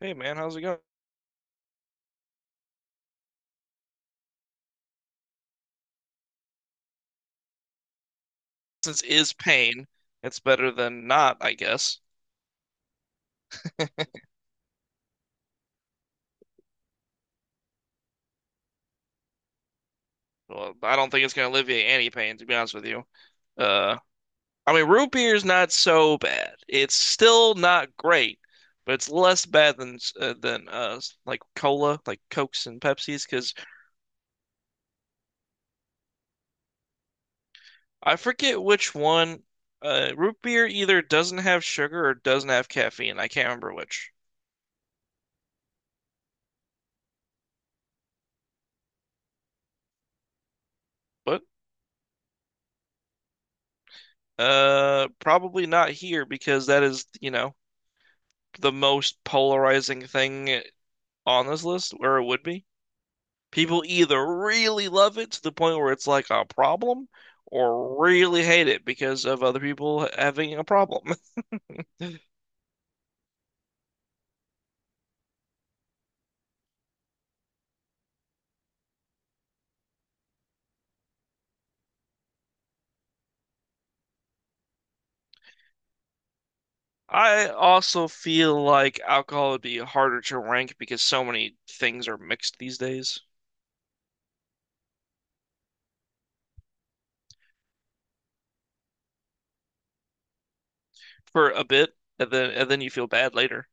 Hey man, how's it going? Since is pain, it's better than not, I guess. Well, I don't think it's gonna alleviate any pain, to be honest with you. Uh, I mean, root beer's not so bad. It's still not great, but it's less bad than than like cola, like Cokes and Pepsis, because I forget which one. Root beer either doesn't have sugar or doesn't have caffeine. I can't remember which. But probably not here because that is, the most polarizing thing on this list, or it would be. People either really love it to the point where it's like a problem, or really hate it because of other people having a problem. I also feel like alcohol would be harder to rank because so many things are mixed these days for a bit, and then you feel bad later.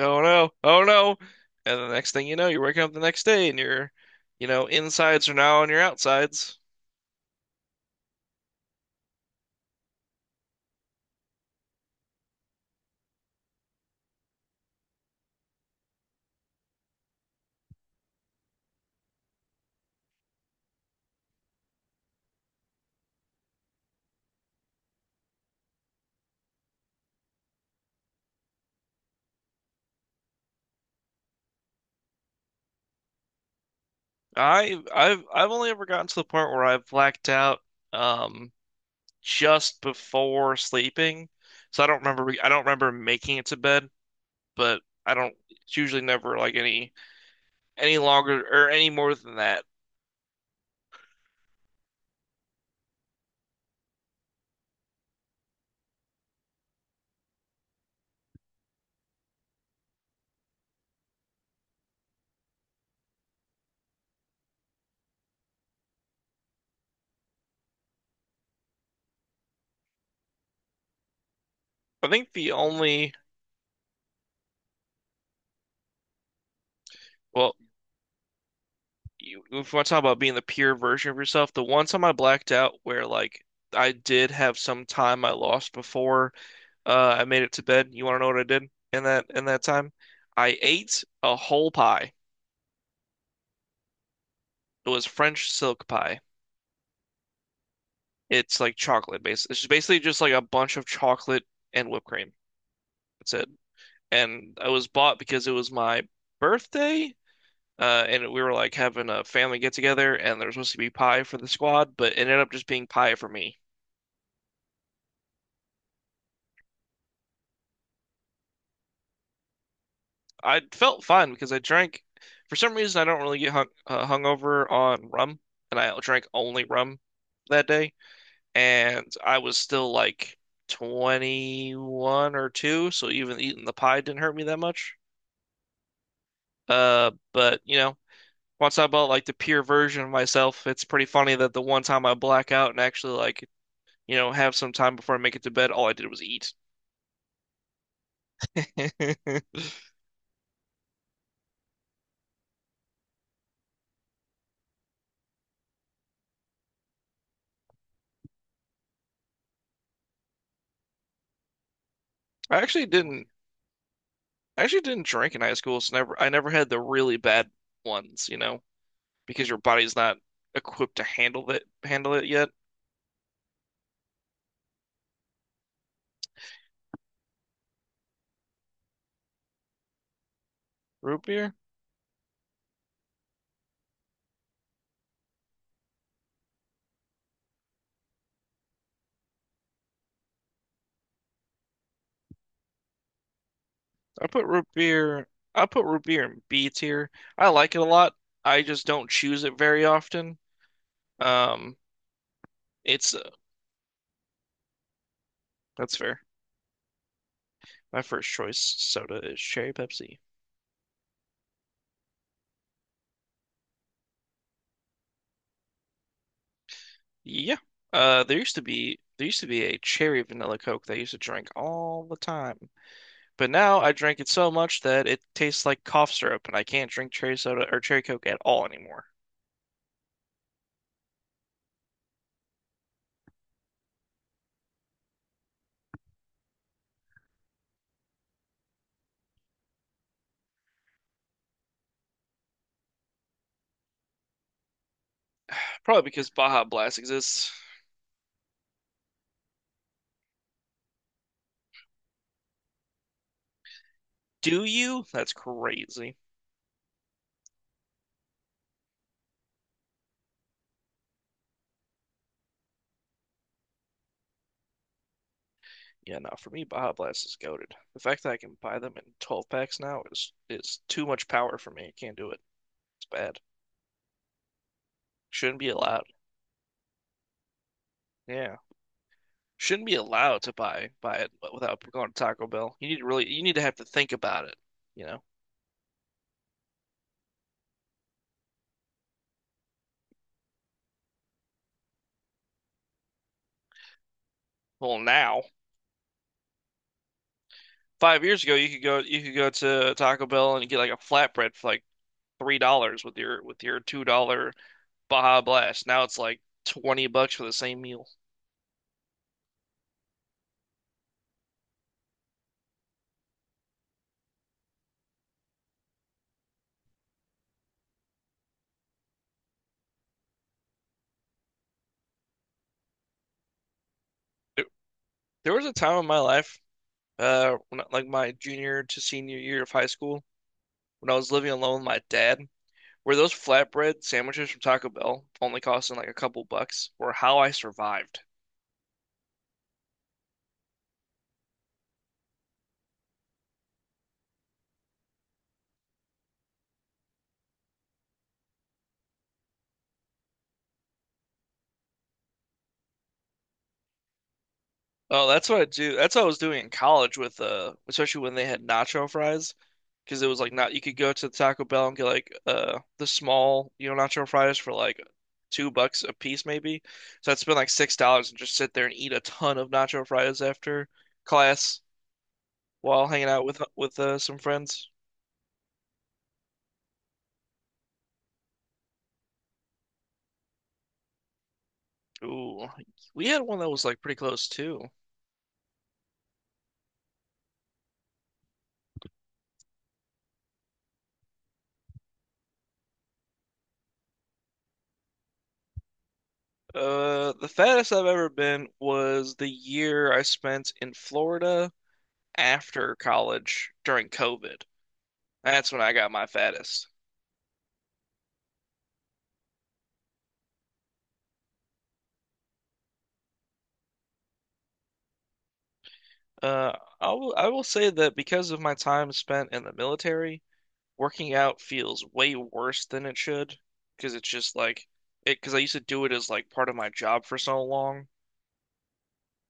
Oh no, oh no. And the next thing you know, you're waking up the next day and your, you know, insides are now on your outsides. I've only ever gotten to the point where I've blacked out um just before sleeping. So I don't remember making it to bed, but I don't it's usually never like any longer or any more than that. I think the only well, you, if you want to talk about being the pure version of yourself, the one time I blacked out where like I did have some time I lost before I made it to bed. You want to know what I did in that time? I ate a whole pie. It was French silk pie. It's like chocolate base. It's just basically just like a bunch of chocolate and whipped cream. That's it. And I was bought because it was my birthday, and we were like having a family get together, and there was supposed to be pie for the squad, but it ended up just being pie for me. I felt fine because I drank. For some reason, I don't really get hungover on rum, and I drank only rum that day, and I was still like 21 or two, so even eating the pie didn't hurt me that much. But you know, once I bought like the pure version of myself, it's pretty funny that the one time I black out and actually like, you know, have some time before I make it to bed, all I did was eat. I actually didn't I actually didn't drink in high school, so never I never had the really bad ones, you know, because your body's not equipped to handle it yet. Root beer? I put root beer I put root beer in B tier. I like it a lot. I just don't choose it very often. Um, it's that's fair. My first choice soda is cherry Pepsi. Yeah. There used to be there used to be a cherry vanilla Coke that I used to drink all the time. But now I drink it so much that it tastes like cough syrup and I can't drink cherry soda or cherry Coke at all anymore. Probably because Baja Blast exists. Do you? That's crazy. Yeah, no, for me Baja Blast is goated. The fact that I can buy them in 12 packs now is too much power for me. I can't do it. It's bad. Shouldn't be allowed. Yeah. Shouldn't be allowed to buy it without going to Taco Bell. You need to really you need to have to think about it, you know. Well, now, 5 years ago, you could go to Taco Bell and get like a flatbread for like $3 with your $2 Baja Blast. Now it's like $20 for the same meal. There there was a time in my life, when, like my junior to senior year of high school, when I was living alone with my dad. Where those flatbread sandwiches from Taco Bell only costing like a couple bucks were how I survived. Oh, that's what I do. That's what I was doing in college with especially when they had nacho fries, because it was like not you could go to Taco Bell and get like the small you know nacho fries for like $2 a piece maybe. So I'd spend like $6 and just sit there and eat a ton of nacho fries after class while hanging out with some friends. Ooh, we had one that was like pretty close too. The fattest I've ever been was the year I spent in Florida after college during COVID. That's when I got my fattest. Uh, I will say that because of my time spent in the military, working out feels way worse than it should because it's just like it because I used to do it as like part of my job for so long,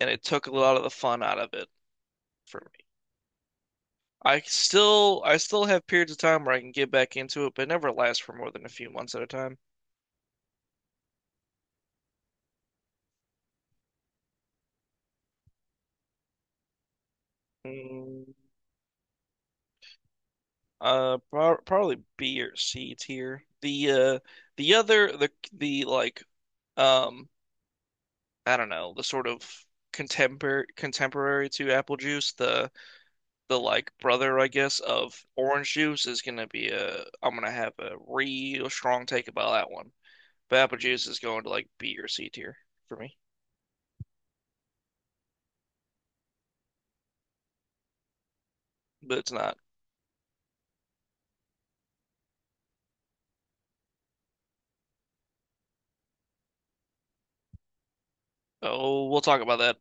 and it took a lot of the fun out of it for me. I still have periods of time where I can get back into it, but it never lasts for more than a few months at a time. Mm, probably B or C tier. The other the like. Um I don't know, the sort of contemporary to apple juice, the like brother, I guess, of orange juice is gonna be a I'm gonna have a real strong take about that one. But apple juice is going to like B or C tier for me. But it's not. Oh, we'll talk about that.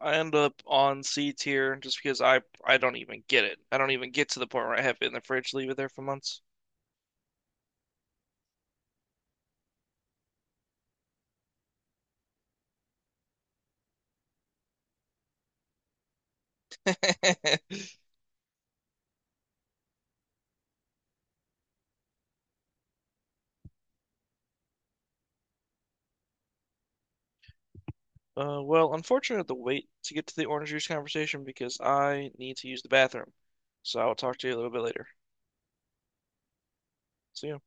I end up on C tier just because I don't even get it. I don't even get to the point where I have it in the fridge, leave it there for months. Well, unfortunately, I have to wait to get to the orange juice conversation because I need to use the bathroom. So I'll talk to you a little bit later. See ya.